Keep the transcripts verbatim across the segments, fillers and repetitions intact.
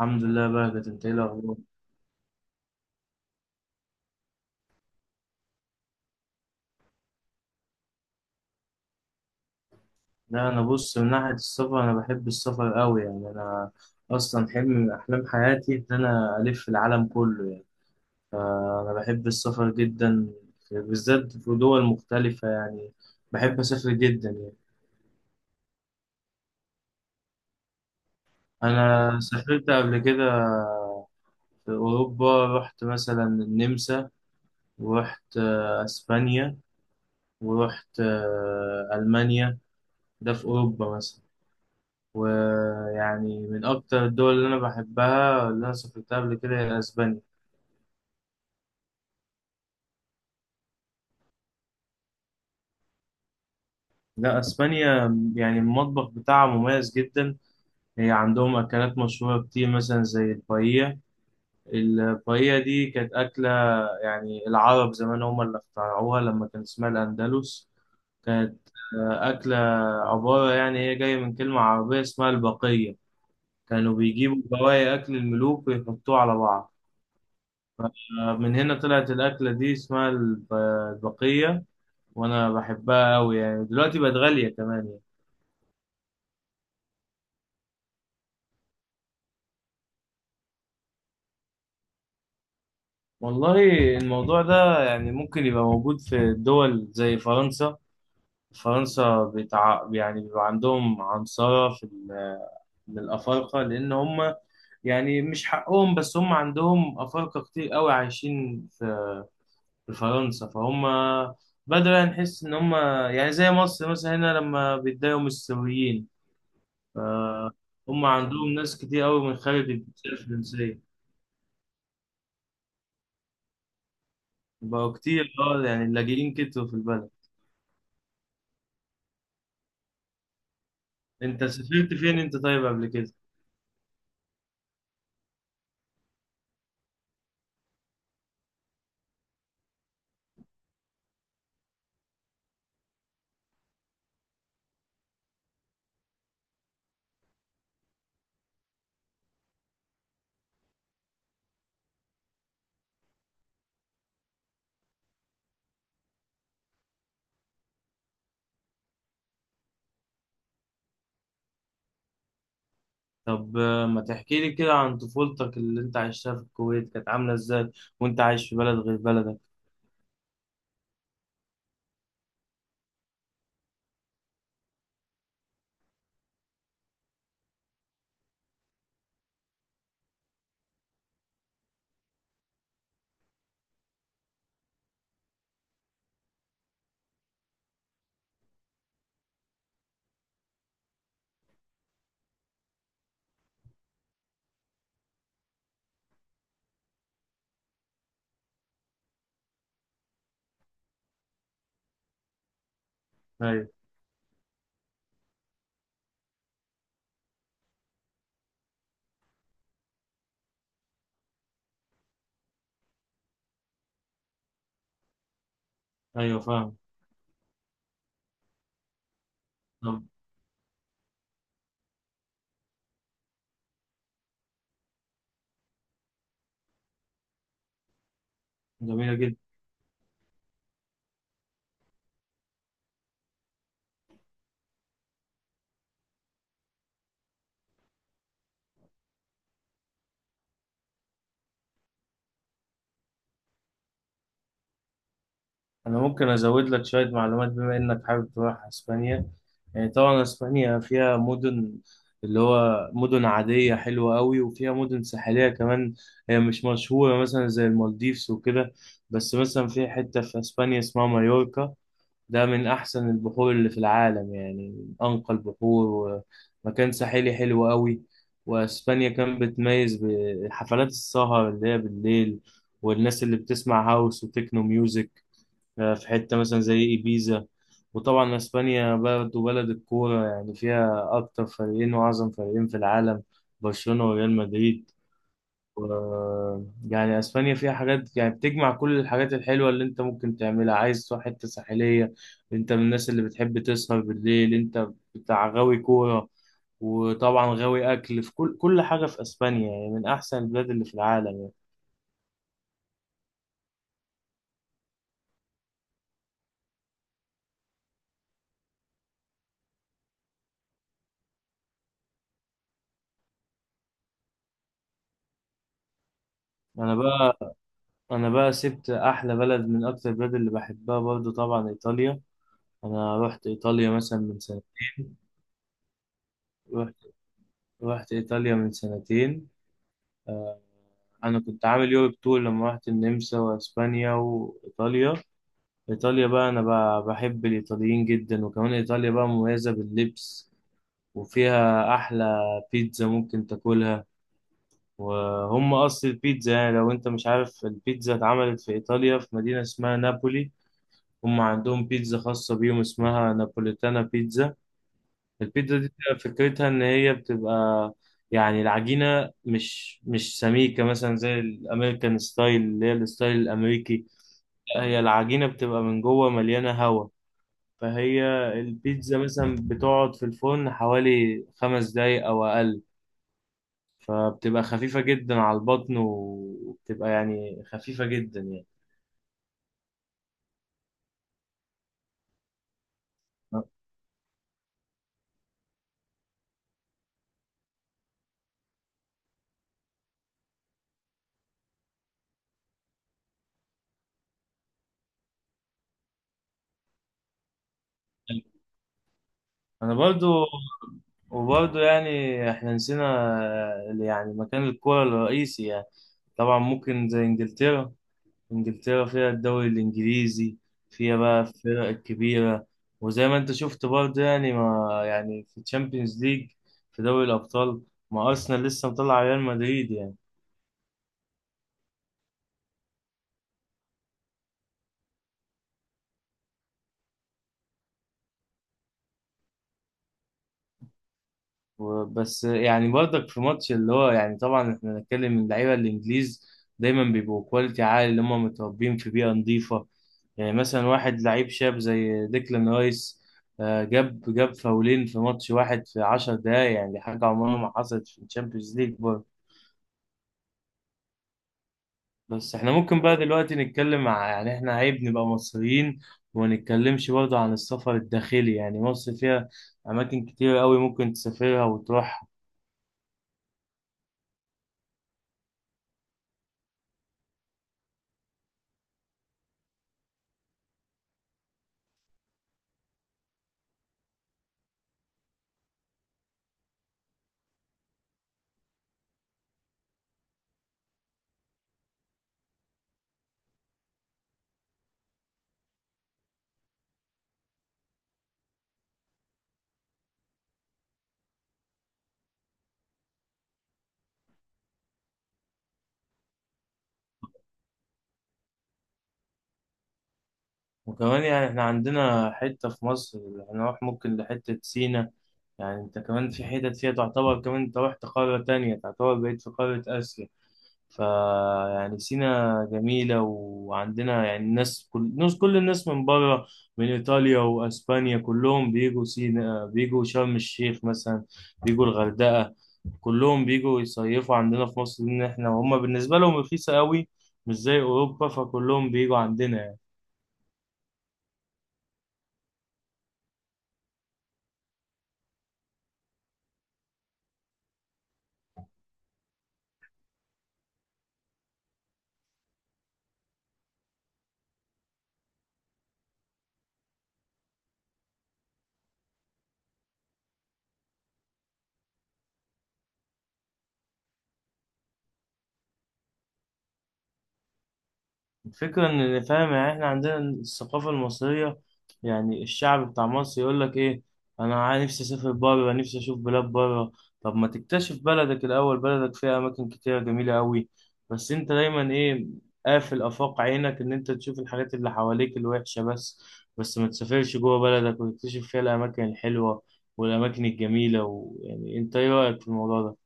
الحمد لله بهجت، انت ايه الاخبار؟ لا انا بص، من ناحيه السفر انا بحب السفر قوي، يعني انا اصلا حلم من احلام حياتي ان انا الف العالم كله يعني. فانا بحب السفر جدا، بالذات في دول مختلفه يعني، بحب اسافر جدا يعني. انا سافرت قبل كده في اوروبا، رحت مثلا النمسا، ورحت آه، اسبانيا، ورحت آه، المانيا، ده في اوروبا مثلا. ويعني من أكتر الدول اللي أنا بحبها اللي أنا سافرتها قبل كده هي أسبانيا. لا، أسبانيا يعني المطبخ بتاعها مميز جدا، هي عندهم أكلات مشهورة كتير مثلا زي البايية. البايية دي كانت أكلة يعني العرب زمان هم اللي اخترعوها لما كان اسمها الأندلس. كانت آه، أكلة عبارة، يعني هي جاية من كلمة عربية اسمها البقية. كانوا بيجيبوا بواقي أكل الملوك ويحطوه على بعض. آه، من هنا طلعت الأكلة دي اسمها الب- البقية. وانا بحبها قوي يعني، دلوقتي بقت غالية كمان يعني. والله الموضوع ده يعني ممكن يبقى موجود في دول زي فرنسا. فرنسا بتاع يعني بيبقى عندهم عنصرة في ال- من الأفارقة، لأن هم يعني مش حقهم، بس هم عندهم أفارقة كتير قوي عايشين في في فرنسا، فهم بدأنا نحس إن هم يعني زي مصر مثلا هنا لما بيتضايقوا من السوريين. هم عندهم ناس كتير قوي من خارج الجنسية الفرنسية. بقوا كتير اه، يعني اللاجئين كتروا في البلد. انت سافرت فين انت طيب قبل كده؟ طب آه، ما تحكي لي كده عن طفولتك اللي انت عشتها في الكويت، كانت عاملة ازاي وانت عايش في بلد غير بلدك؟ ايوه. ايوه فاهم. طب. جميلة جدا. انا ممكن ازود لك شوية معلومات بما انك حابب تروح اسبانيا. يعني طبعا اسبانيا فيها مدن، اللي هو مدن عادية حلوة قوي، وفيها مدن ساحلية كمان. هي مش مشهورة مثلا زي المالديفز وكده، بس مثلا في حتة في اسبانيا اسمها مايوركا. ده من أحسن البحور اللي في العالم، يعني من أنقى البحور، ومكان ساحلي حلو قوي. وأسبانيا كان بتميز بحفلات السهر اللي هي بالليل، والناس اللي بتسمع هاوس وتكنو ميوزك. آه، في حتة مثلا زي إيبيزا. وطبعا أسبانيا برضه بلد الكورة، يعني فيها أكتر فريقين وأعظم فريقين في العالم، برشلونة وريال مدريد. و- يعني اسبانيا فيها حاجات يعني بتجمع كل الحاجات الحلوه اللي انت ممكن تعملها. عايز تروح حته ساحليه، انت من الناس اللي بتحب تسهر بالليل، انت بتاع غاوي كوره، وطبعا غاوي اكل، في كل كل حاجه في اسبانيا. يعني من احسن البلاد اللي في العالم يعني. انا بقى انا بقى سبت احلى بلد من اكتر البلاد اللي بحبها برضو، طبعا ايطاليا. انا رحت ايطاليا مثلا من سنه. رحت رحت ايطاليا من سنتين. انا كنت عامل يوروب تور لما رحت النمسا واسبانيا وايطاليا. إيطاليا بقى، أنا بقى بحب الإيطاليين جدا، وكمان إيطاليا بقى مميزة باللبس، وفيها أحلى بيتزا ممكن تاكلها، وهم أصل البيتزا. يعني لو أنت مش عارف، البيتزا اتعملت في إيطاليا في مدينة اسمها نابولي. هم عندهم بيتزا خاصة بيهم اسمها نابوليتانا بيتزا. البيتزا دي بتبقى فكرتها إن هي بتبقى يعني العجينة مش مش سميكة، مثلا زي الأمريكان ستايل اللي هي الستايل الأمريكي. لا، هي العجينة بتبقى من جوه مليانة هوا، فهي البيتزا مثلا بتقعد في الفرن حوالي خمس دقايق أو أقل، فبتبقى خفيفة جدا على البطن، وبتبقى يعني خفيفة جدا يعني. أنا برضو وبرضو يعني إحنا نسينا يعني مكان الكورة الرئيسي يعني. طبعا ممكن زي إنجلترا، انجلترا فيها الدوري الانجليزي، فيها بقى الفرق الكبيره. وزي ما انت شفت برضه، يعني ما يعني في تشامبيونز ليج، في دوري الابطال، ما ارسنال لسه مطلع ريال مدريد يعني. وبس يعني برضك في ماتش اللي هو يعني طبعا احنا بنتكلم، اللعيبه الانجليز دايما بيبقوا كواليتي عالي، اللي هم متربيين في بيئه نظيفه. يعني مثلا واحد لعيب شاب زي ديكلان رايس، آه، جاب جاب فاولين في ماتش واحد في عشر دقايق، يعني دي حاجه عمرها ما حصلت في الشامبيونز ليج. بس احنا ممكن بقى دلوقتي نتكلم ع- يعني احنا عيب نبقى مصريين وما نتكلمش برضه عن السفر الداخلي. يعني مصر فيها أماكن كتير قوي ممكن تسافرها وتروحها. وكمان يعني احنا عندنا حتة في مصر هنروح ممكن لحتة سينا. يعني انت كمان في حتت فيها تعتبر كمان انت رحت قارة تانية، تعتبر بقيت في قارة آسيا. فيعني سينا جميلة، وعندنا يعني الناس، كل الناس كل الناس من بره، من إيطاليا وأسبانيا، كلهم بيجوا سينا، بيجوا شرم الشيخ مثلا، بيجوا الغردقة. كلهم بيجوا يصيفوا عندنا في مصر لأن إحنا هما بالنسبة لهم رخيصة قوي، مش زي أوروبا، فكلهم بيجوا عندنا. الفكرة إن إن فاهم يعني، إحنا عندنا الثقافة المصرية. يعني الشعب بتاع مصر يقول لك إيه، أنا عا- نفسي أسافر بره، نفسي أشوف بلاد بره. طب ما تكتشف بلدك الأول، بلدك فيها أماكن كتيرة جميلة أوي، بس أنت دايما إيه، قافل آفاق عينك إن أنت تشوف الحاجات اللي حواليك الوحشة بس، بس ما تسافرش جوه بلدك وتكتشف فيها الأماكن الحلوة والأماكن الجميلة. ويعني أنت إيه رأيك في الموضوع ده؟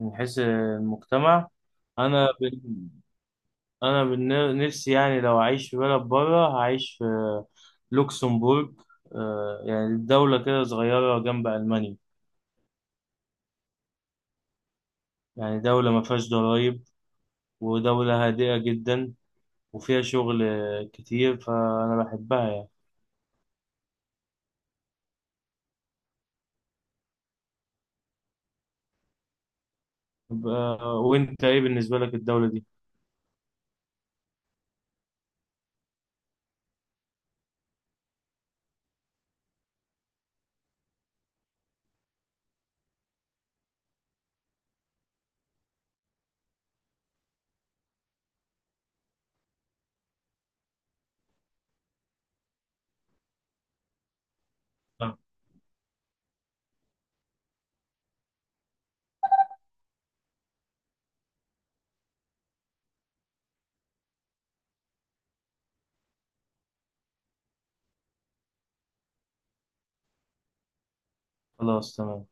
من حيث المجتمع. أنا، انا بالن- نفسي يعني لو اعيش في بلد بره هعيش في لوكسمبورغ. آه، يعني دولة كده صغيرة جنب ألمانيا، يعني دولة ما فيهاش ضرايب، ودولة هادئة جدا، وفيها شغل آه، كتير، فأنا بحبها يعني. ب- آه، وأنت إيه بالنسبة لك الدولة دي؟ آه، خلاص تمام.